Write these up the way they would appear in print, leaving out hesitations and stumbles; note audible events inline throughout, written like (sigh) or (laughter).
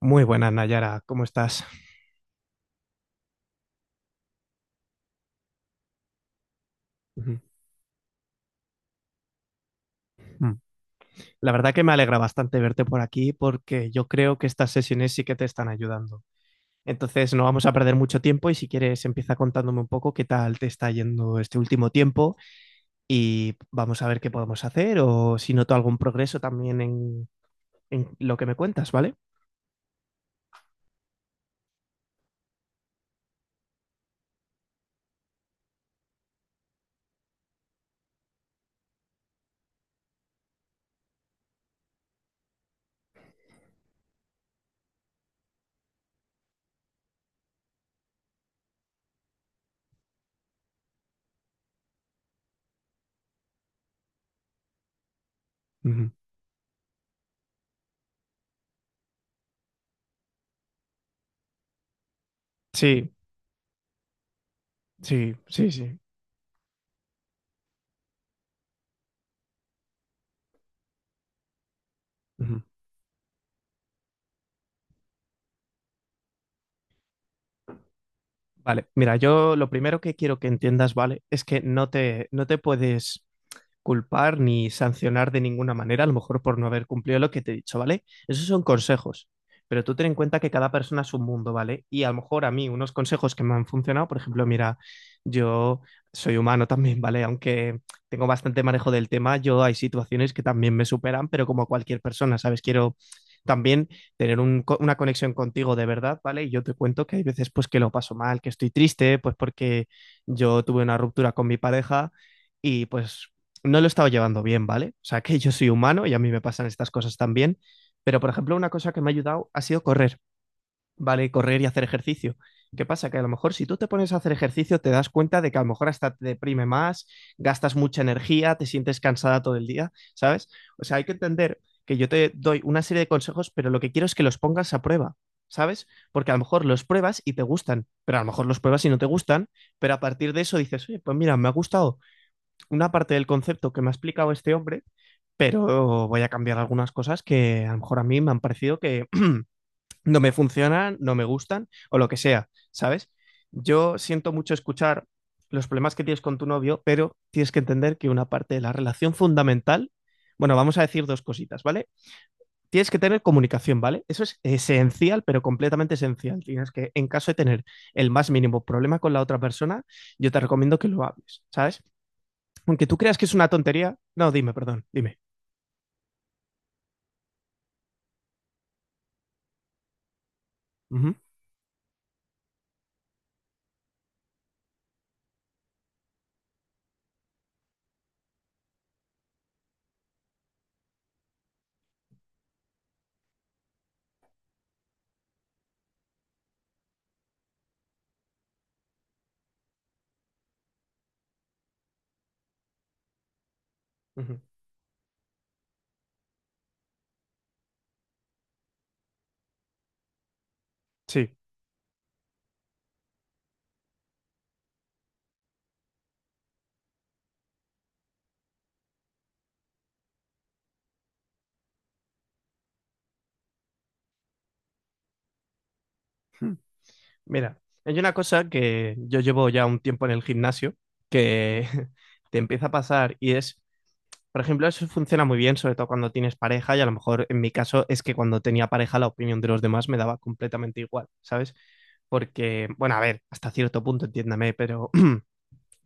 Muy buenas, Nayara, ¿cómo estás? Ujú. Mm. La verdad que me alegra bastante verte por aquí porque yo creo que estas sesiones sí que te están ayudando. Entonces, no vamos a perder mucho tiempo y si quieres empieza contándome un poco qué tal te está yendo este último tiempo y vamos a ver qué podemos hacer o si noto algún progreso también en lo que me cuentas, ¿vale? Ujú. Sí, sí, sí, sí. Ujú. Vale, mira, yo lo primero que quiero que entiendas, ¿vale? Es que no te puedes culpar ni sancionar de ninguna manera, a lo mejor por no haber cumplido lo que te he dicho, ¿vale? Esos son consejos, pero tú ten en cuenta que cada persona es un mundo, ¿vale? Y a lo mejor a mí unos consejos que me han funcionado, por ejemplo, mira, yo soy humano también, (laughs) ¿vale? Aunque tengo bastante manejo del tema, yo hay situaciones que también me superan, pero como cualquier persona, ¿sabes? Quiero también tener un una conexión contigo de verdad, ¿vale? Y yo te cuento que hay veces pues que lo paso mal, que estoy triste, pues porque yo tuve una ruptura con mi pareja y pues no lo he estado llevando bien, ¿vale? O sea, que yo soy humano y a mí me pasan estas cosas también, pero por ejemplo, una cosa que me ha ayudado ha sido correr, ¿vale? Correr y hacer ejercicio. ¿Qué pasa? Que a lo mejor si tú te pones a hacer ejercicio te das cuenta de que a lo mejor hasta te deprime más, gastas mucha energía, te sientes cansada todo el día, ¿sabes? O sea, hay que entender que yo te doy una serie de consejos, pero lo que quiero es que los pongas a prueba. ¿Sabes? Porque a lo mejor los pruebas y te gustan, pero a lo mejor los pruebas y no te gustan, pero a partir de eso dices, oye, pues mira, me ha gustado, una parte del concepto que me ha explicado este hombre, pero voy a cambiar algunas cosas que a lo mejor a mí me han parecido que (clears throat) no me funcionan, no me gustan o lo que sea, ¿sabes? Yo siento mucho escuchar los problemas que tienes con tu novio, pero tienes que entender que una parte de la relación fundamental, bueno, vamos a decir dos cositas, ¿vale? Tienes que tener comunicación, ¿vale? Eso es esencial, pero completamente esencial. Tienes que, en caso de tener el más mínimo problema con la otra persona, yo te recomiendo que lo hables, ¿sabes? Aunque tú creas que es una tontería. No, dime, perdón, dime. Ujú, ujú. Sí. Uh-huh. Mira, hay una cosa que yo llevo ya un tiempo en el gimnasio que (laughs) te empieza a pasar y es, por ejemplo, eso funciona muy bien, sobre todo cuando tienes pareja y a lo mejor en mi caso es que cuando tenía pareja la opinión de los demás me daba completamente igual, ¿sabes? Porque, bueno, a ver, hasta cierto punto, entiéndame, pero (clears throat)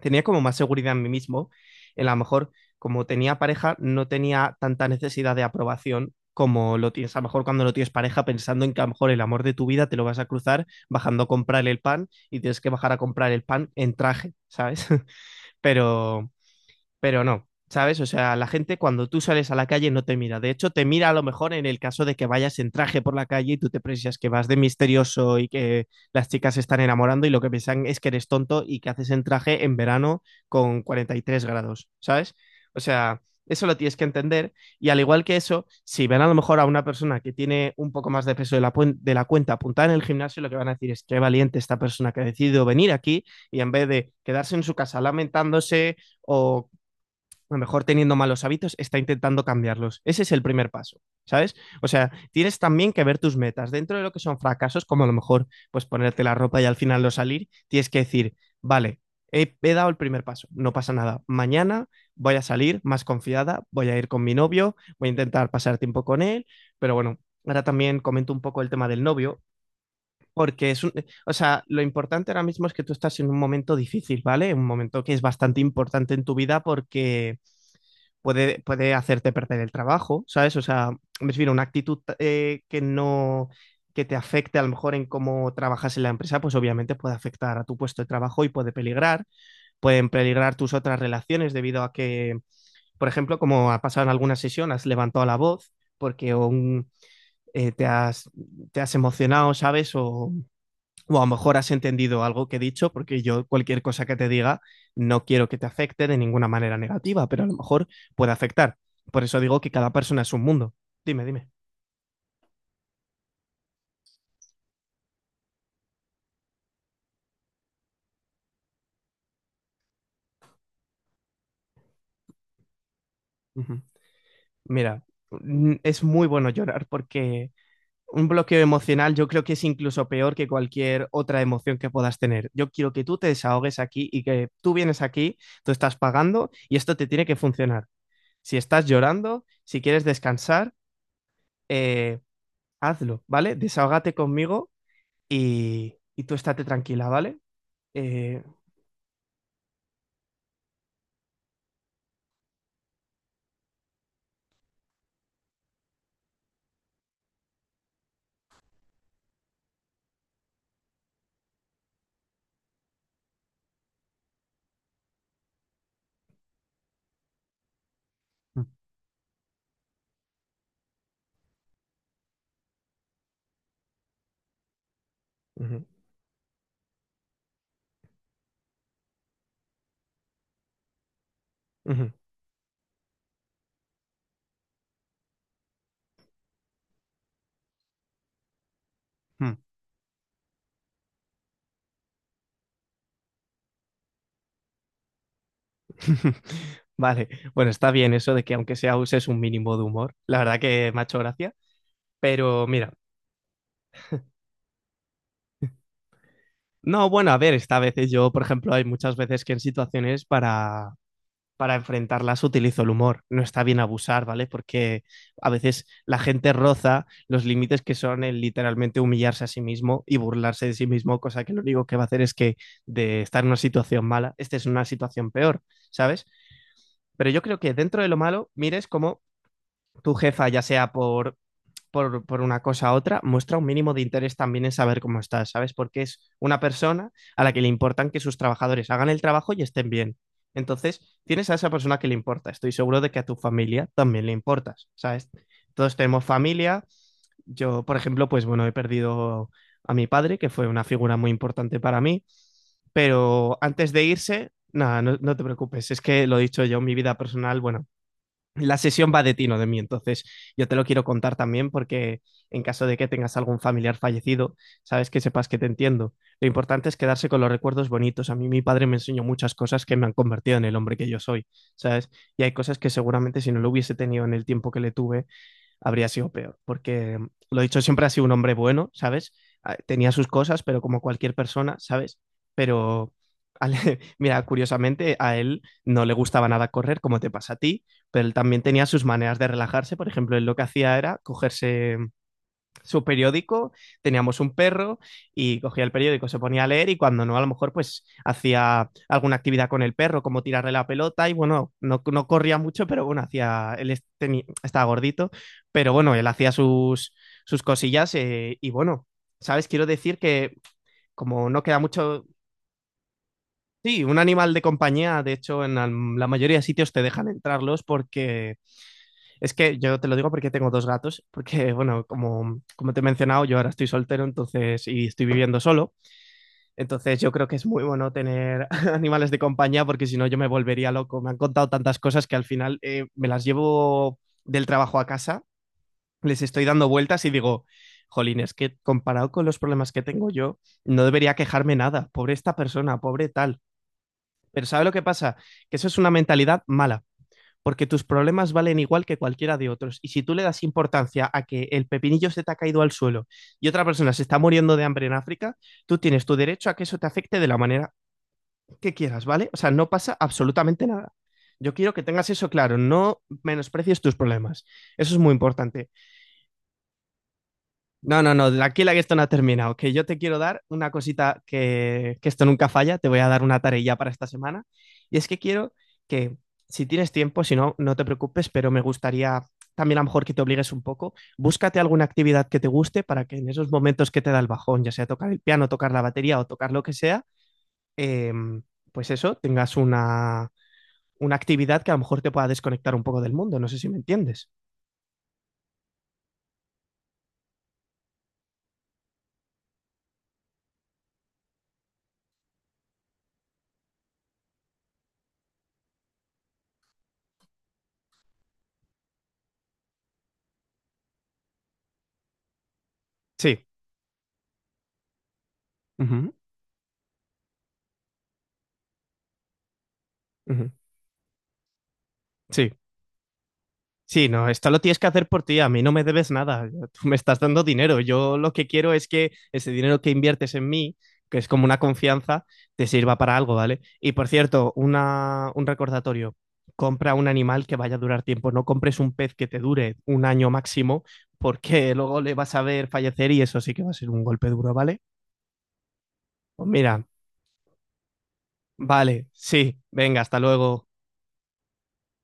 tenía como más seguridad en mí mismo. A lo mejor, como tenía pareja, no tenía tanta necesidad de aprobación como lo tienes a lo mejor cuando no tienes pareja, pensando en que a lo mejor el amor de tu vida te lo vas a cruzar bajando a comprar el pan y tienes que bajar a comprar el pan en traje, ¿sabes? (laughs) Pero, pero no, ¿sabes? O sea, la gente cuando tú sales a la calle no te mira. De hecho, te mira a lo mejor en el caso de que vayas en traje por la calle y tú te precias que vas de misterioso y que las chicas se están enamorando y lo que piensan es que eres tonto y que haces en traje en verano con 43 grados, ¿sabes? O sea... Eso lo tienes que entender. Y al igual que eso, si ven a lo mejor a una persona que tiene un poco más de peso de la, de la cuenta apuntada en el gimnasio, lo que van a decir es qué valiente esta persona que ha decidido venir aquí y en vez de quedarse en su casa lamentándose o a lo mejor teniendo malos hábitos, está intentando cambiarlos. Ese es el primer paso, ¿sabes? O sea, tienes también que ver tus metas. Dentro de lo que son fracasos, como a lo mejor pues ponerte la ropa y al final no salir, tienes que decir, vale, he, he dado el primer paso, no pasa nada. Mañana voy a salir más confiada, voy a ir con mi novio, voy a intentar pasar tiempo con él, pero bueno, ahora también comento un poco el tema del novio, porque es un, o sea, lo importante ahora mismo es que tú estás en un momento difícil, ¿vale? Un momento que es bastante importante en tu vida porque puede hacerte perder el trabajo, ¿sabes? O sea, me refiero a una actitud que no que te afecte a lo mejor en cómo trabajas en la empresa, pues obviamente puede afectar a tu puesto de trabajo y puede peligrar, pueden peligrar tus otras relaciones debido a que, por ejemplo, como ha pasado en alguna sesión, has levantado la voz porque eh, te, has, te has emocionado, ¿sabes? O a lo mejor has entendido algo que he dicho, porque yo cualquier cosa que te diga no quiero que te afecte de ninguna manera negativa, pero a lo mejor puede afectar. Por eso digo que cada persona es un mundo. Dime, dime. Uh -huh. Mira, es muy bueno llorar porque un bloqueo emocional yo creo que es incluso peor que cualquier otra emoción que puedas tener. Yo quiero que tú te desahogues aquí y que tú vienes aquí, tú estás pagando y esto te tiene que funcionar. Si estás llorando, si quieres descansar, eh, hazlo, ¿vale? Desahógate conmigo y tú estate tranquila, ¿vale? Eh, Ujú, ujú, ujú. (laughs) Vale, bueno, está bien eso de que aunque sea uses un mínimo de humor. La verdad que me ha hecho gracia, pero mira, no, bueno, a ver, esta vez yo, por ejemplo, hay muchas veces que en situaciones para enfrentarlas utilizo el humor. No está bien abusar, ¿vale? Porque a veces la gente roza los límites que son el literalmente humillarse a sí mismo y burlarse de sí mismo, cosa que lo único que va a hacer es que de estar en una situación mala, esta es una situación peor, ¿sabes? Pero yo creo que dentro de lo malo, mires como tu jefa, ya sea por una cosa u otra, muestra un mínimo de interés también en saber cómo estás, ¿sabes? Porque es una persona a la que le importan que sus trabajadores hagan el trabajo y estén bien. Entonces, tienes a esa persona que le importa. Estoy seguro de que a tu familia también le importas, ¿sabes? Todos tenemos familia. Yo, por ejemplo, pues bueno, he perdido a mi padre, que fue una figura muy importante para mí. Pero antes de irse, nada, no, no te preocupes. Es que lo he dicho yo, mi vida personal, bueno, la sesión va de ti, no de mí. Entonces, yo te lo quiero contar también porque en caso de que tengas algún familiar fallecido, sabes que sepas que te entiendo. Lo importante es quedarse con los recuerdos bonitos. A mí mi padre me enseñó muchas cosas que me han convertido en el hombre que yo soy, ¿sabes? Y hay cosas que seguramente si no lo hubiese tenido en el tiempo que le tuve, habría sido peor, porque lo dicho, siempre ha sido un hombre bueno, ¿sabes? Ah, tenía sus cosas, pero como cualquier persona, ¿sabes? Pero, al- (laughs) mira, curiosamente a él no le gustaba nada correr, como te pasa a ti, pero él también tenía sus maneras de relajarse. Por ejemplo, él lo que hacía era cogerse su periódico, teníamos un perro y cogía el periódico, se ponía a leer y cuando no, a lo mejor pues hacía alguna actividad con el perro, como tirarle la pelota y bueno, no, no corría mucho, pero bueno, hacía, él tenía, estaba gordito, pero bueno, él hacía sus cosillas y bueno, ¿sabes? Quiero decir que como no queda mucho... Sí, un animal de compañía, de hecho, en la mayoría de sitios te dejan entrarlos porque es que yo te lo digo porque tengo dos gatos, porque bueno, como te he mencionado, yo ahora estoy soltero, entonces, y estoy viviendo solo, entonces yo creo que es muy bueno tener (laughs) animales de compañía porque si no yo me volvería loco. Me han contado tantas cosas que al final me las llevo del trabajo a casa, les estoy dando vueltas y digo, jolín, es que comparado con los problemas que tengo yo, no debería quejarme nada, pobre esta persona, pobre tal. Pero ¿sabe lo que pasa? Que eso es una mentalidad mala porque tus problemas valen igual que cualquiera de otros. Y si tú le das importancia a que el pepinillo se te ha caído al suelo y otra persona se está muriendo de hambre en África, tú tienes tu derecho a que eso te afecte de la manera que quieras, ¿vale? O sea, no pasa absolutamente nada. Yo quiero que tengas eso claro, no menosprecies tus problemas. Eso es muy importante. No, no, no, aquí la que esto no ha terminado. Que yo te quiero dar una cosita que esto nunca falla. Te voy a dar una tarea para esta semana. Y es que quiero que, si tienes tiempo, si no, no te preocupes, pero me gustaría también a lo mejor que te obligues un poco. Búscate alguna actividad que te guste para que en esos momentos que te da el bajón, ya sea tocar el piano, tocar la batería o tocar lo que sea, em, pues eso, tengas una actividad que a lo mejor te pueda desconectar un poco del mundo. No sé si me entiendes. Sí. Ujú, ujú. Sí. Sí, no, esto lo tienes que hacer por ti, a mí no me debes nada, (laughs) tú me estás dando dinero, yo lo que quiero es que ese dinero que inviertes en mí, que es como una confianza, te sirva para algo, ¿vale? Y por cierto, una, un recordatorio, compra un animal que vaya a durar tiempo, no compres un pez que te dure un año máximo, porque (laughs) luego le vas a ver fallecer y eso sí que va a ser un golpe duro, ¿vale? Pues mira, vale, sí, venga, hasta luego.